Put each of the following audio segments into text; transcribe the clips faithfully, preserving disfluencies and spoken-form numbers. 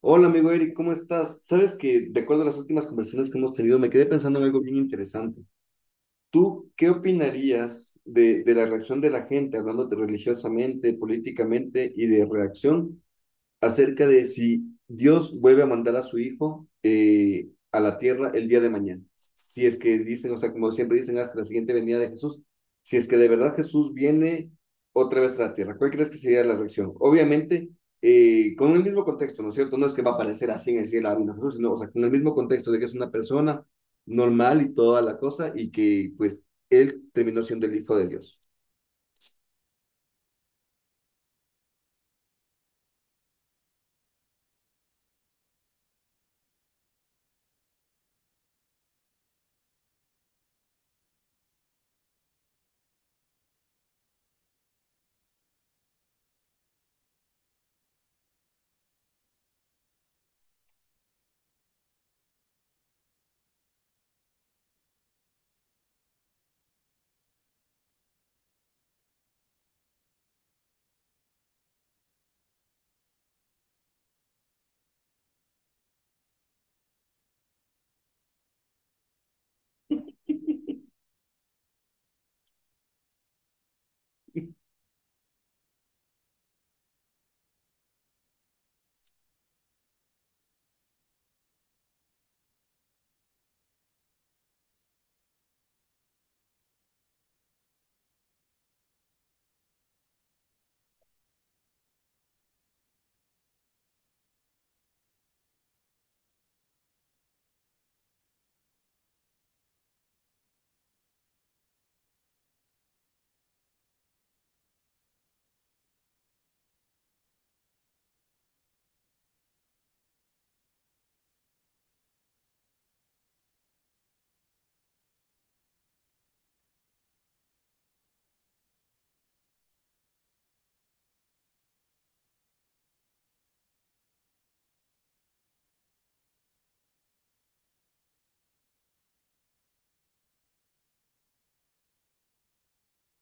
Hola amigo Eric, ¿cómo estás? Sabes que de acuerdo a las últimas conversaciones que hemos tenido, me quedé pensando en algo bien interesante. ¿Tú qué opinarías de, de la reacción de la gente, hablándote religiosamente, políticamente y de reacción acerca de si Dios vuelve a mandar a su hijo eh, a la tierra el día de mañana? Si es que dicen, o sea, como siempre dicen, hasta la siguiente venida de Jesús, si es que de verdad Jesús viene otra vez a la tierra, ¿cuál crees que sería la reacción? Obviamente, eh, con el mismo contexto, ¿no es cierto? No es que va a aparecer así en el cielo a Jesús, sino, o sea, con el mismo contexto de que es una persona normal y toda la cosa y que pues él terminó siendo el hijo de Dios.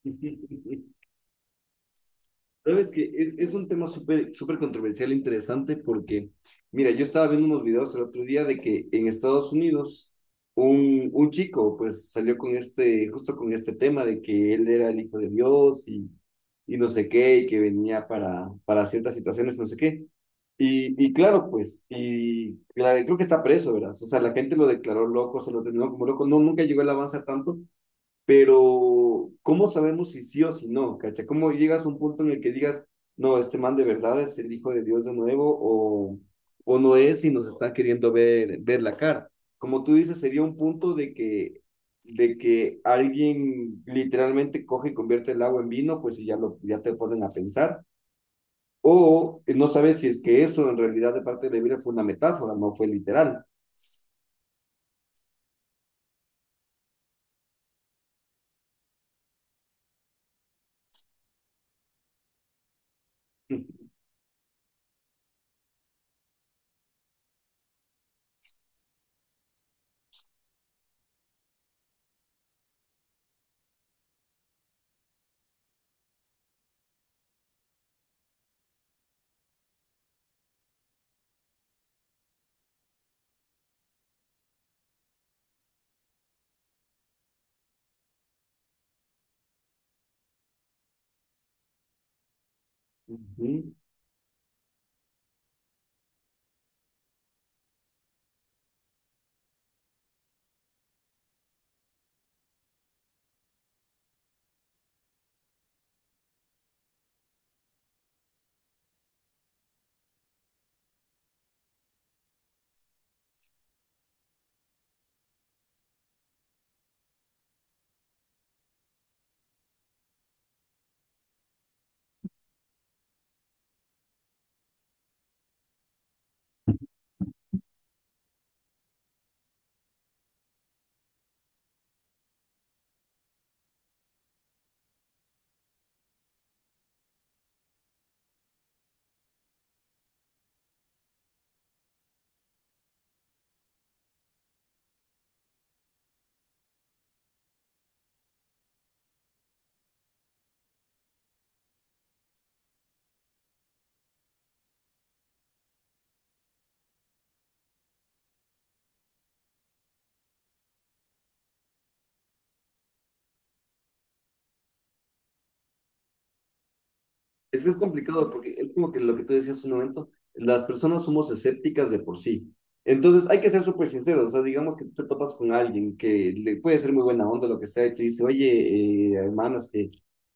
Sabes que es, es un tema súper súper controversial e interesante porque, mira, yo estaba viendo unos videos el otro día de que en Estados Unidos un, un chico pues salió con este, justo con este tema de que él era el hijo de Dios y, y no sé qué, y que venía para, para ciertas situaciones, no sé qué. Y, y claro, pues, y la- creo que está preso, ¿verdad? O sea, la gente lo declaró loco, se lo terminó como loco, no, nunca llegó el avance a tanto, pero ¿cómo sabemos si sí o si no? ¿Cacha? ¿Cómo llegas a un punto en el que digas, no, este man de verdad es el hijo de Dios de nuevo o, o no es y nos está queriendo ver, ver la cara? Como tú dices, sería un punto de que, de que alguien literalmente coge y convierte el agua en vino, pues y ya, lo, ya te ponen a pensar. O eh, no sabes si es que eso en realidad de parte de la Biblia fue una metáfora, no fue literal. Ujú. Es que es complicado porque es como que lo que tú decías hace un momento, las personas somos escépticas de por sí. Entonces hay que ser súper sinceros, o sea, digamos que tú te topas con alguien que le puede ser muy buena onda, lo que sea, y te dice, oye, eh, hermano, es que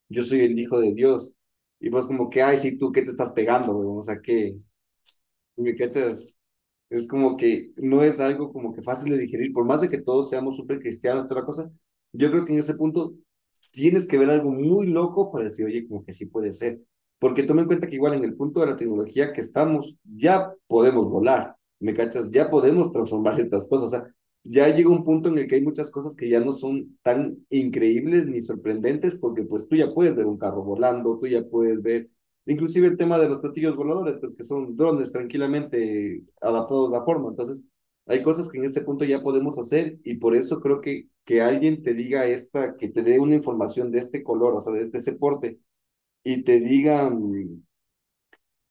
yo soy el hijo de Dios. Y vos como que, ay, sí, tú, ¿qué te estás pegando, weón? O sea, ¿qué, qué te, es como que no es algo como que fácil de digerir, por más de que todos seamos súper cristianos, toda la cosa, yo creo que en ese punto tienes que ver algo muy loco para decir, oye, como que sí puede ser. Porque toma en cuenta que igual en el punto de la tecnología que estamos, ya podemos volar, ¿me cachas? Ya podemos transformar ciertas cosas. O sea, ya llega un punto en el que hay muchas cosas que ya no son tan increíbles ni sorprendentes, porque pues tú ya puedes ver un carro volando, tú ya puedes ver inclusive el tema de los platillos voladores, pues que son drones tranquilamente adaptados a forma. Entonces, hay cosas que en este punto ya podemos hacer y por eso creo que que alguien te diga esta, que te dé una información de este color, o sea, de, de ese porte, y te diga mm,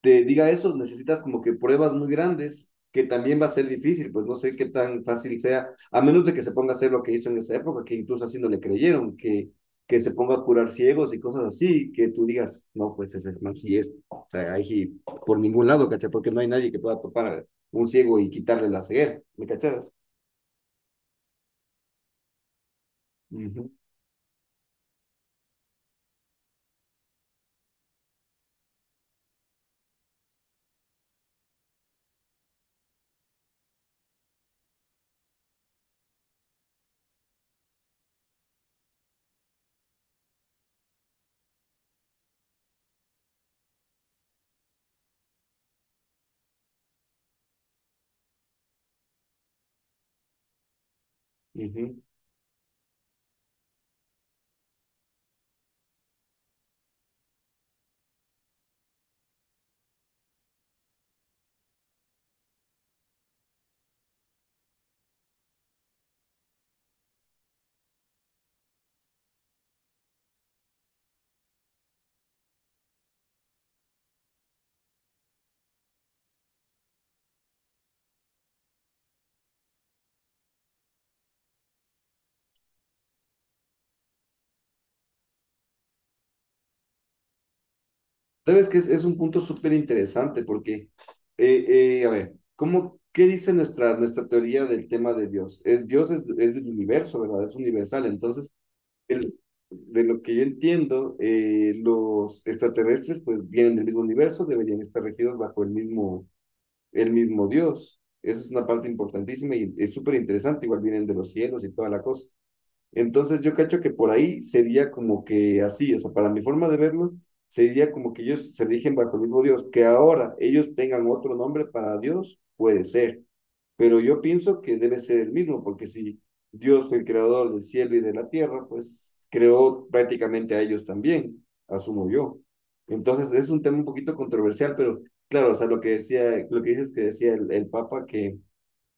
te diga eso, necesitas como que pruebas muy grandes, que también va a ser difícil, pues no sé qué tan fácil sea, a menos de que se ponga a hacer lo que hizo en esa época, que incluso así no le creyeron, que, que se ponga a curar ciegos y cosas así, que tú digas, no, pues ese man sí es, o sea, ahí sí, por ningún lado, ¿cachai? Porque no hay nadie que pueda topar a un ciego y quitarle la ceguera, ¿me cachas? Ujú, ujú. Sabes que es, es un punto súper interesante porque, eh, eh, a ver, ¿cómo, qué dice nuestra, nuestra teoría del tema de Dios? Eh, Dios es, es del universo, ¿verdad? Es universal. Entonces, el- de lo que yo entiendo, eh, los extraterrestres pues vienen del mismo universo, deberían estar regidos bajo el mismo, el mismo Dios. Esa es una parte importantísima y es súper interesante. Igual vienen de los cielos y toda la cosa. Entonces yo cacho que por ahí sería como que así, o sea, para mi forma de verlo, sería como que ellos se rigen bajo el mismo Dios, que ahora ellos tengan otro nombre para Dios, puede ser, pero yo pienso que debe ser el mismo, porque si Dios fue el creador del cielo y de la tierra, pues creó prácticamente a ellos también, asumo yo. Entonces es un tema un poquito controversial, pero claro, o sea, lo que decía, lo que dices que decía el, el Papa, que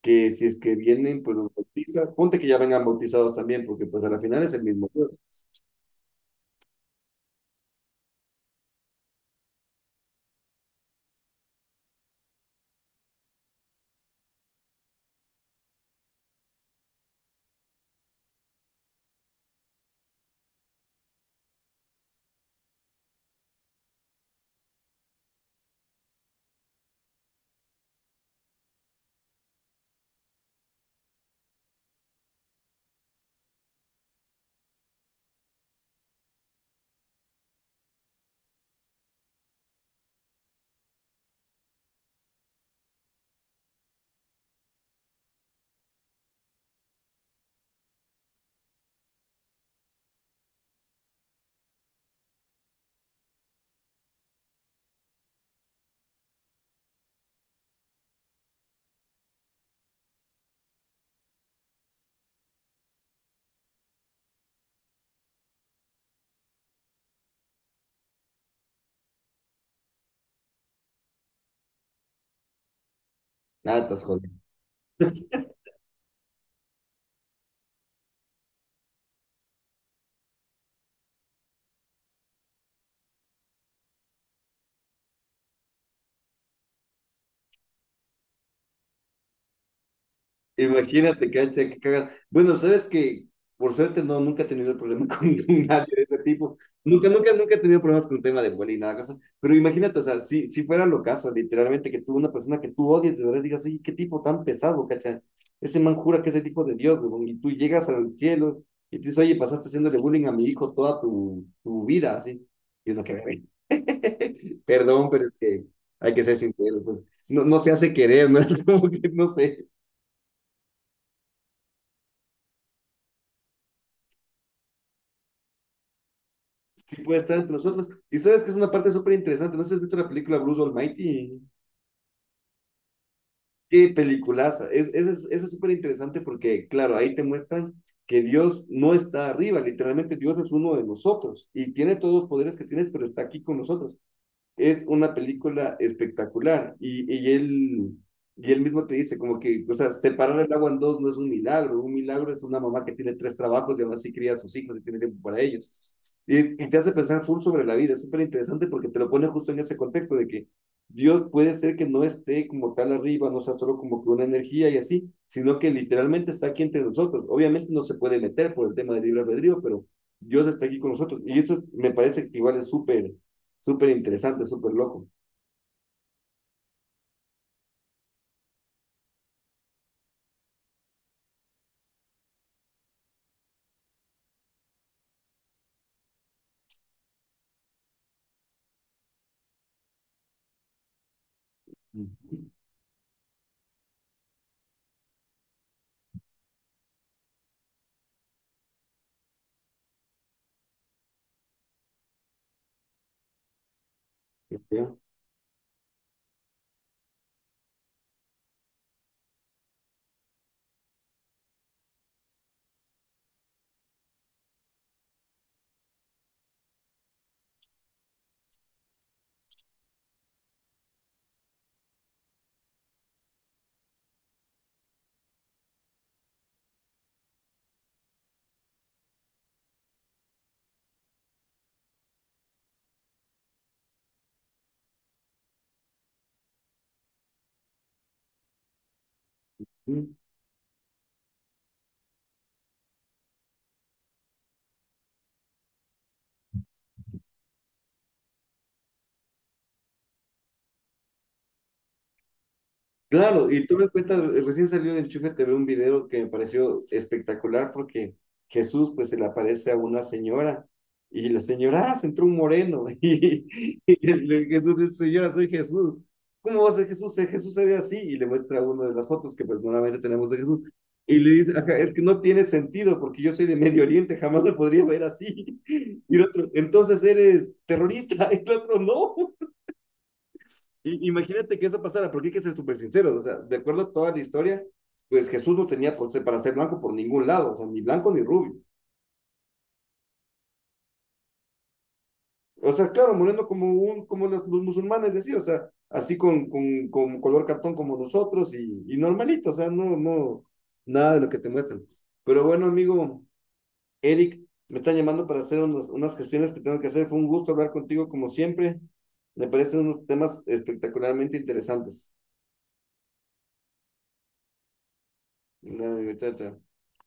que si es que vienen, pues los bautiza. Ponte que ya vengan bautizados también, porque pues a la final es el mismo Dios. Nada, estás jodido. Imagínate, cancha, que cagas. Bueno, sabes que por suerte no, nunca he tenido el problema con nadie de ese tipo. Nunca, nunca, nunca he tenido problemas con el tema de bullying y nada, cosa. Pero imagínate, o sea, si, si fuera lo caso, literalmente, que tú, una persona que tú odias, de verdad digas, oye, qué tipo tan pesado, cacha. Ese man jura que es el tipo de Dios, huevón, y tú llegas al cielo y te dices, oye, pasaste haciéndole bullying a mi hijo toda tu, tu vida, así. Y uno que, perdón, pero es que hay que ser sincero pues, no, no se hace querer, ¿no? Es como que, no sé, si puede estar entre nosotros. Y sabes que es una parte súper interesante. No sé si has visto la película Bruce Almighty. Qué peliculaza. Es, esa es, eso es súper interesante porque, claro, ahí te muestran que Dios no está arriba. Literalmente, Dios es uno de nosotros y tiene todos los poderes que tienes, pero está aquí con nosotros. Es una película espectacular, y, y él, y él mismo te dice como que, o sea, separar el agua en dos no es un milagro, un milagro es una mamá que tiene tres trabajos y aún así cría a sus hijos y tiene tiempo para ellos. Y, y te hace pensar full sobre la vida, es súper interesante porque te lo pone justo en ese contexto de que Dios puede ser que no esté como tal arriba, no sea solo como que una energía y así, sino que literalmente está aquí entre nosotros. Obviamente no se puede meter por el tema del libre albedrío, pero Dios está aquí con nosotros. Y eso me parece que igual es súper súper interesante, súper loco. Ya. Mm. Claro, y tuve en cuenta, recién salió de Enchufe T V un video que me pareció espectacular porque Jesús pues se le aparece a una señora y la señora, ah, se entró un moreno, y, y le- Jesús dice, señora, soy Jesús. ¿Cómo va a ser Jesús? Si Jesús se ve así, y le muestra una de las fotos que pues normalmente tenemos de Jesús y le dice, "Ajá, es que no tiene sentido porque yo soy de Medio Oriente, jamás me podría ver así". Y el otro, entonces eres terrorista. Y el otro, no. I- Imagínate que eso pasara, porque hay que ser súper sinceros, o sea, de acuerdo a toda la historia, pues Jesús no tenía por ser- para ser blanco por ningún lado, o sea, ni blanco ni rubio. O sea, claro, moreno como un, como los, los musulmanes decían, o sea, así con, con, con color cartón como nosotros y, y normalito, o sea, no, no, nada de lo que te muestran. Pero bueno, amigo Eric, me están llamando para hacer unas, unas gestiones que tengo que hacer. Fue un gusto hablar contigo como siempre. Me parecen unos temas espectacularmente interesantes. Dale, amigo, chao, chao.